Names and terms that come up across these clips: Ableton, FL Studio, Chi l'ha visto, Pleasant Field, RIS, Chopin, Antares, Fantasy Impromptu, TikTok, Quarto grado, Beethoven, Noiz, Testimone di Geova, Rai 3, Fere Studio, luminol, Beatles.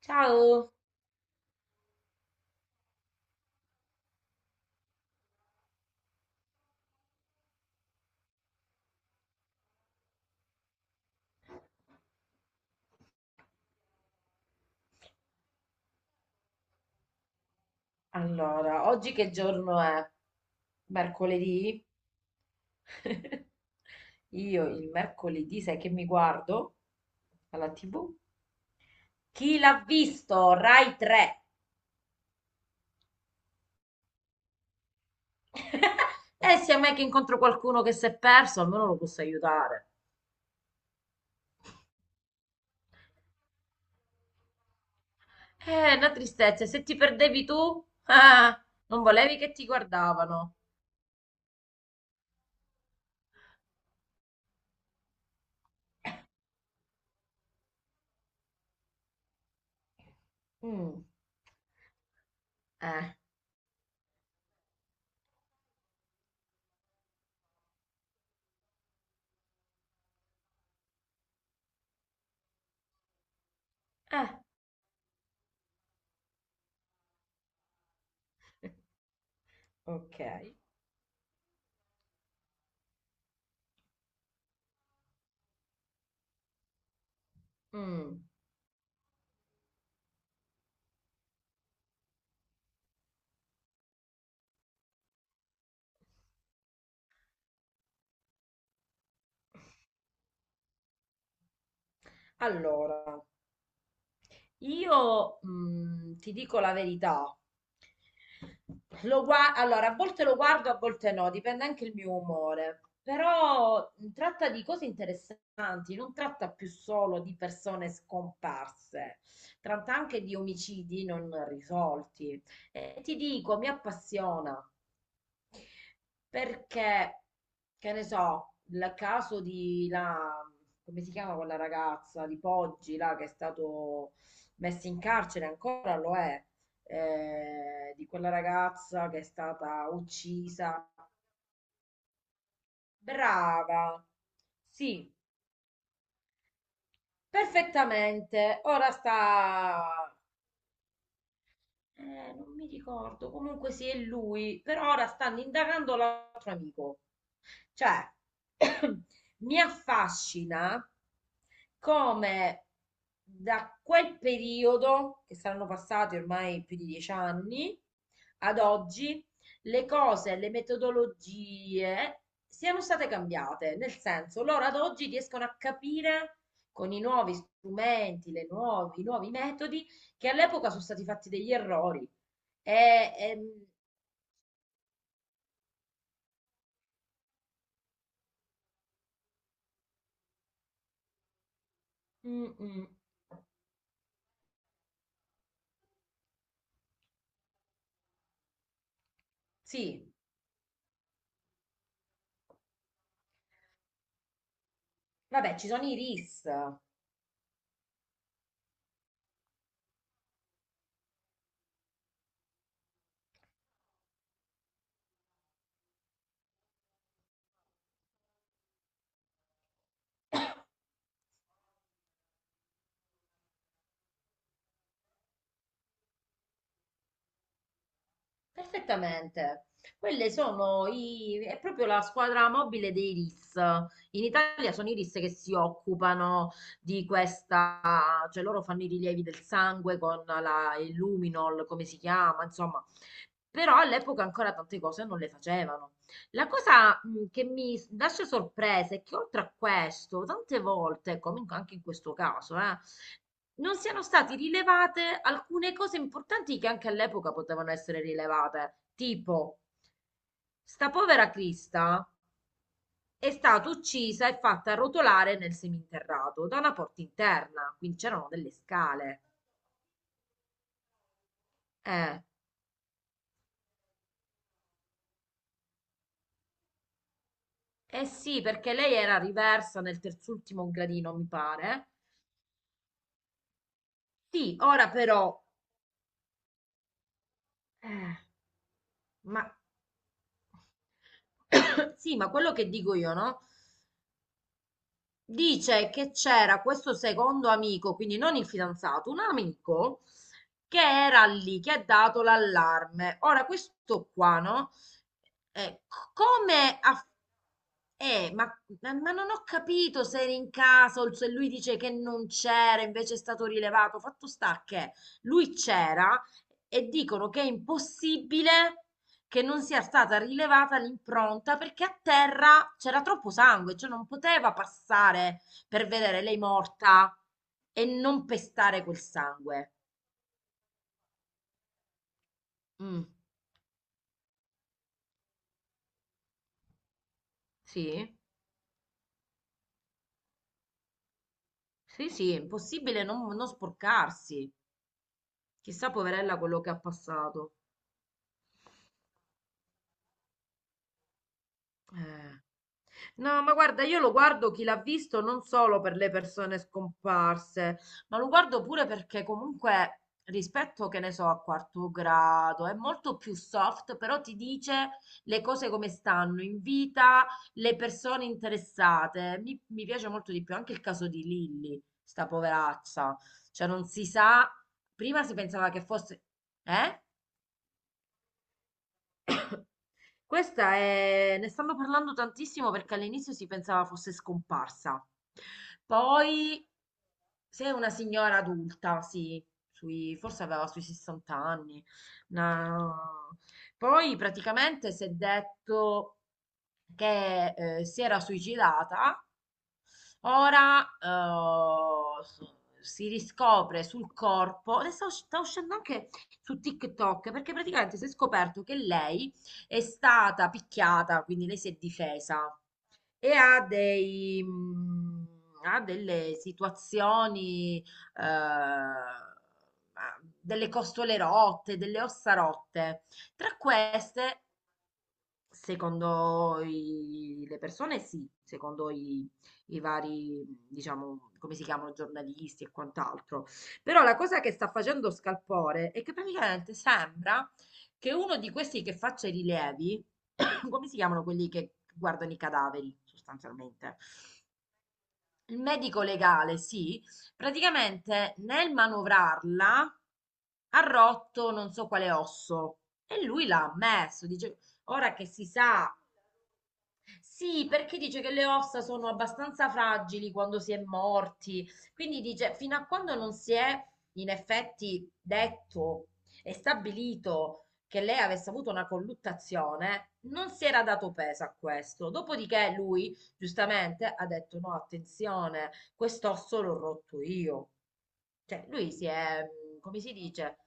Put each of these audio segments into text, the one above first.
Ciao! Allora, oggi che giorno è? Mercoledì? Io il mercoledì, sai che mi guardo alla TV? Chi l'ha visto? Rai 3. E se mai che incontro qualcuno che si è perso, almeno lo posso aiutare. Una tristezza, se ti perdevi tu, ah, non volevi che ti guardavano. Mm. Eh, eh, ok. Mm. Allora, io ti dico la verità. Allora, a volte lo guardo, a volte no, dipende anche il mio umore. Però tratta di cose interessanti, non tratta più solo di persone scomparse, tratta anche di omicidi non risolti. E ti dico, mi appassiona. Perché, che ne so, il caso di come si chiama quella ragazza di Poggi, là, che è stato messo in carcere, ancora lo è, di quella ragazza che è stata uccisa. Brava, sì, perfettamente. Ora sta, non mi ricordo, comunque sì, è lui, però ora stanno indagando l'altro amico. Cioè, mi affascina come da quel periodo, che saranno passati ormai più di 10 anni, ad oggi, le cose, le metodologie siano state cambiate. Nel senso, loro ad oggi riescono a capire con i nuovi strumenti, le nuovi, i nuovi metodi, che all'epoca sono stati fatti degli errori. E, e- mm, mm, sì, vabbè, ci sono i RIS. Perfettamente. Quelle sono i, è proprio la squadra mobile dei RIS. In Italia sono i RIS che si occupano di questa, cioè loro fanno i rilievi del sangue con la, il luminol, come si chiama, insomma. Però all'epoca ancora tante cose non le facevano. La cosa che mi lascia sorpresa è che oltre a questo, tante volte, anche in questo caso, non siano state rilevate alcune cose importanti che anche all'epoca potevano essere rilevate, tipo sta povera Crista è stata uccisa e fatta rotolare nel seminterrato da una porta interna, quindi c'erano delle scale. Eh, eh sì, perché lei era riversa nel terzultimo gradino, mi pare. Sì, ora però, eh, ma sì, ma quello che dico io, no? Dice che c'era questo secondo amico, quindi non il fidanzato, un amico che era lì, che ha dato l'allarme. Ora, questo qua, no? C- come ha... ma, ma non ho capito se era in casa o se lui dice che non c'era, invece è stato rilevato. Fatto sta che lui c'era e dicono che è impossibile che non sia stata rilevata l'impronta perché a terra c'era troppo sangue, cioè non poteva passare per vedere lei morta e non pestare quel sangue. Mm. Sì, sì, sì, è impossibile non sporcarsi. Chissà, poverella, quello che ha passato. Eh. No, ma guarda, io lo guardo chi l'ha visto non solo per le persone scomparse, ma lo guardo pure perché comunque rispetto, che ne so, a quarto grado è molto più soft, però ti dice le cose come stanno in vita, le persone interessate. Mi piace molto di più anche il caso di Lilly, sta poveraccia. Cioè non si sa, prima si pensava che fosse... Eh? Questa è... ne stanno parlando tantissimo perché all'inizio si pensava fosse scomparsa. Poi, se è una signora adulta, sì, forse aveva sui 60 anni. una- Poi praticamente si è detto che si era suicidata, ora si riscopre sul corpo, adesso sta uscendo anche su TikTok, perché praticamente si è scoperto che lei è stata picchiata, quindi lei si è difesa e ha ha delle situazioni, ha delle costole rotte, delle ossa rotte. Tra queste secondo le persone sì, secondo i, i vari, diciamo, come si chiamano, giornalisti e quant'altro. Però la cosa che sta facendo scalpore è che praticamente sembra che uno di questi che faccia i rilievi, come si chiamano quelli che guardano i cadaveri, sostanzialmente? Il medico legale, sì, praticamente nel manovrarla ha rotto non so quale osso e lui l'ha ammesso. Dice, ora che si sa. Sì, perché dice che le ossa sono abbastanza fragili quando si è morti, quindi dice fino a quando non si è in effetti detto e stabilito che lei avesse avuto una colluttazione, non si era dato peso a questo. Dopodiché lui, giustamente, ha detto no, attenzione, quest'osso l'ho rotto io. Cioè, lui si è, come si dice?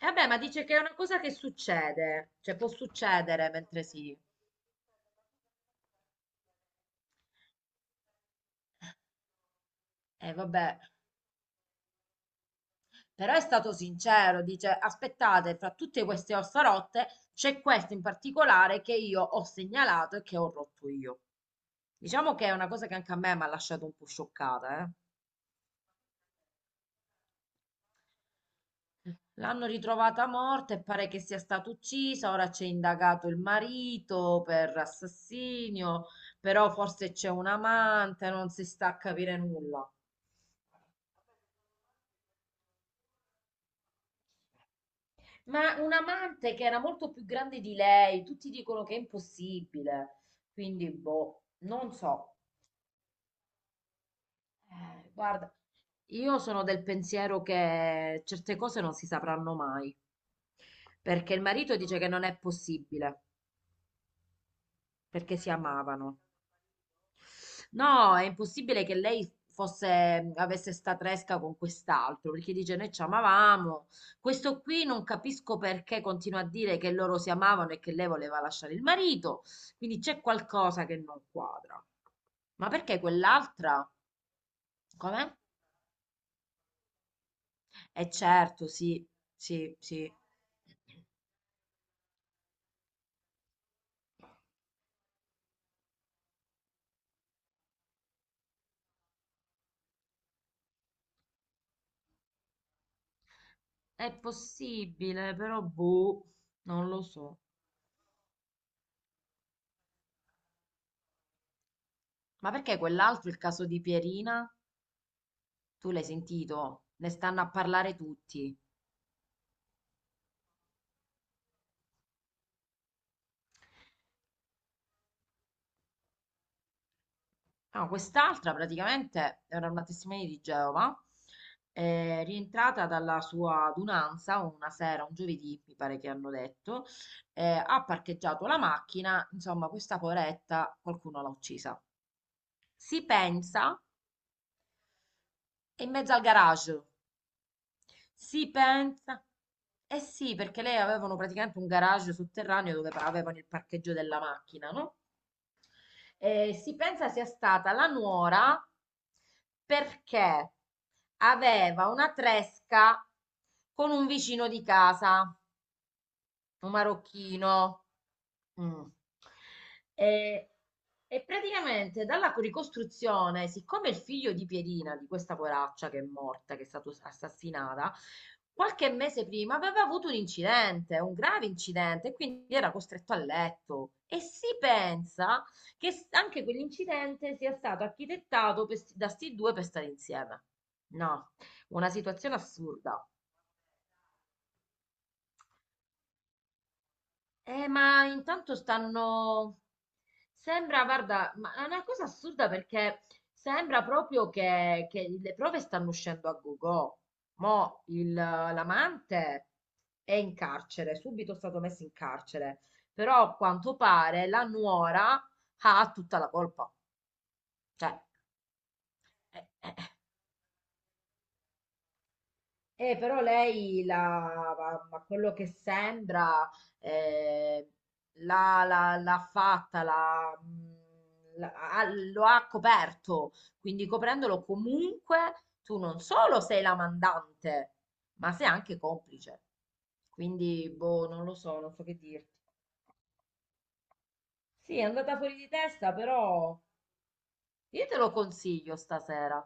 E vabbè, ma dice che è una cosa che succede, cioè può succedere mentre si... vabbè. Però è stato sincero, dice: Aspettate, fra tutte queste ossa rotte c'è questo in particolare che io ho segnalato e che ho rotto io. Diciamo che è una cosa che anche a me mi ha lasciato un po' scioccata, eh. L'hanno ritrovata morta e pare che sia stata uccisa, ora c'è indagato il marito per assassinio, però forse c'è un amante, non si sta a capire nulla. Ma un amante che era molto più grande di lei, tutti dicono che è impossibile, quindi boh, non so. Guarda, io sono del pensiero che certe cose non si sapranno mai, perché il marito dice che non è possibile, perché si amavano. No, è impossibile che lei fosse, avesse sta tresca con quest'altro, perché dice noi ci amavamo. Questo qui non capisco perché continua a dire che loro si amavano e che lei voleva lasciare il marito, quindi c'è qualcosa che non quadra. Ma perché quell'altra? Com'è? Eh certo, sì, sì, sì. È possibile, però boh, non lo so. Ma perché quell'altro, il caso di Pierina, tu l'hai sentito? Ne stanno a parlare tutti. No, quest'altra praticamente era una testimone di Geova, rientrata dalla sua adunanza una sera, un giovedì, mi pare che hanno detto, ha parcheggiato la macchina, insomma, questa poretta qualcuno l'ha uccisa. Si pensa, è in mezzo al garage. Si pensa. Eh sì, perché lei avevano praticamente un garage sotterraneo dove avevano il parcheggio della macchina, no? E si pensa sia stata la nuora perché aveva una tresca con un vicino di casa, un marocchino. Mm. E, e praticamente dalla ricostruzione, siccome il figlio di Pierina, di questa poraccia che è morta, che è stata assassinata, qualche mese prima aveva avuto un incidente, un grave incidente, e quindi era costretto a letto. E si pensa che anche quell'incidente sia stato architettato per da sti due per stare insieme. No, una situazione assurda. Ma intanto stanno. Sembra, guarda, ma è una cosa assurda perché sembra proprio che le prove stanno uscendo a go-go. Mo' l'amante è in carcere, subito è stato messo in carcere, però a quanto pare la nuora ha tutta la colpa. Cioè, eh. Però ma quello che sembra, eh, l'ha l'ha- l'ha fatta, l'ha, l'ha- ha- lo ha coperto, quindi coprendolo comunque tu non solo sei la mandante, ma sei anche complice. Quindi, boh, non lo so, non so che dirti. Sì, è andata fuori di testa, però io te lo consiglio stasera.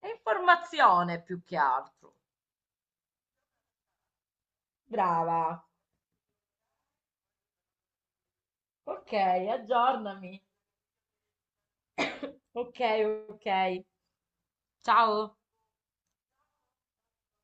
È informazione più che altro. Brava. Ok, aggiornami. Ok, ok. Ciao.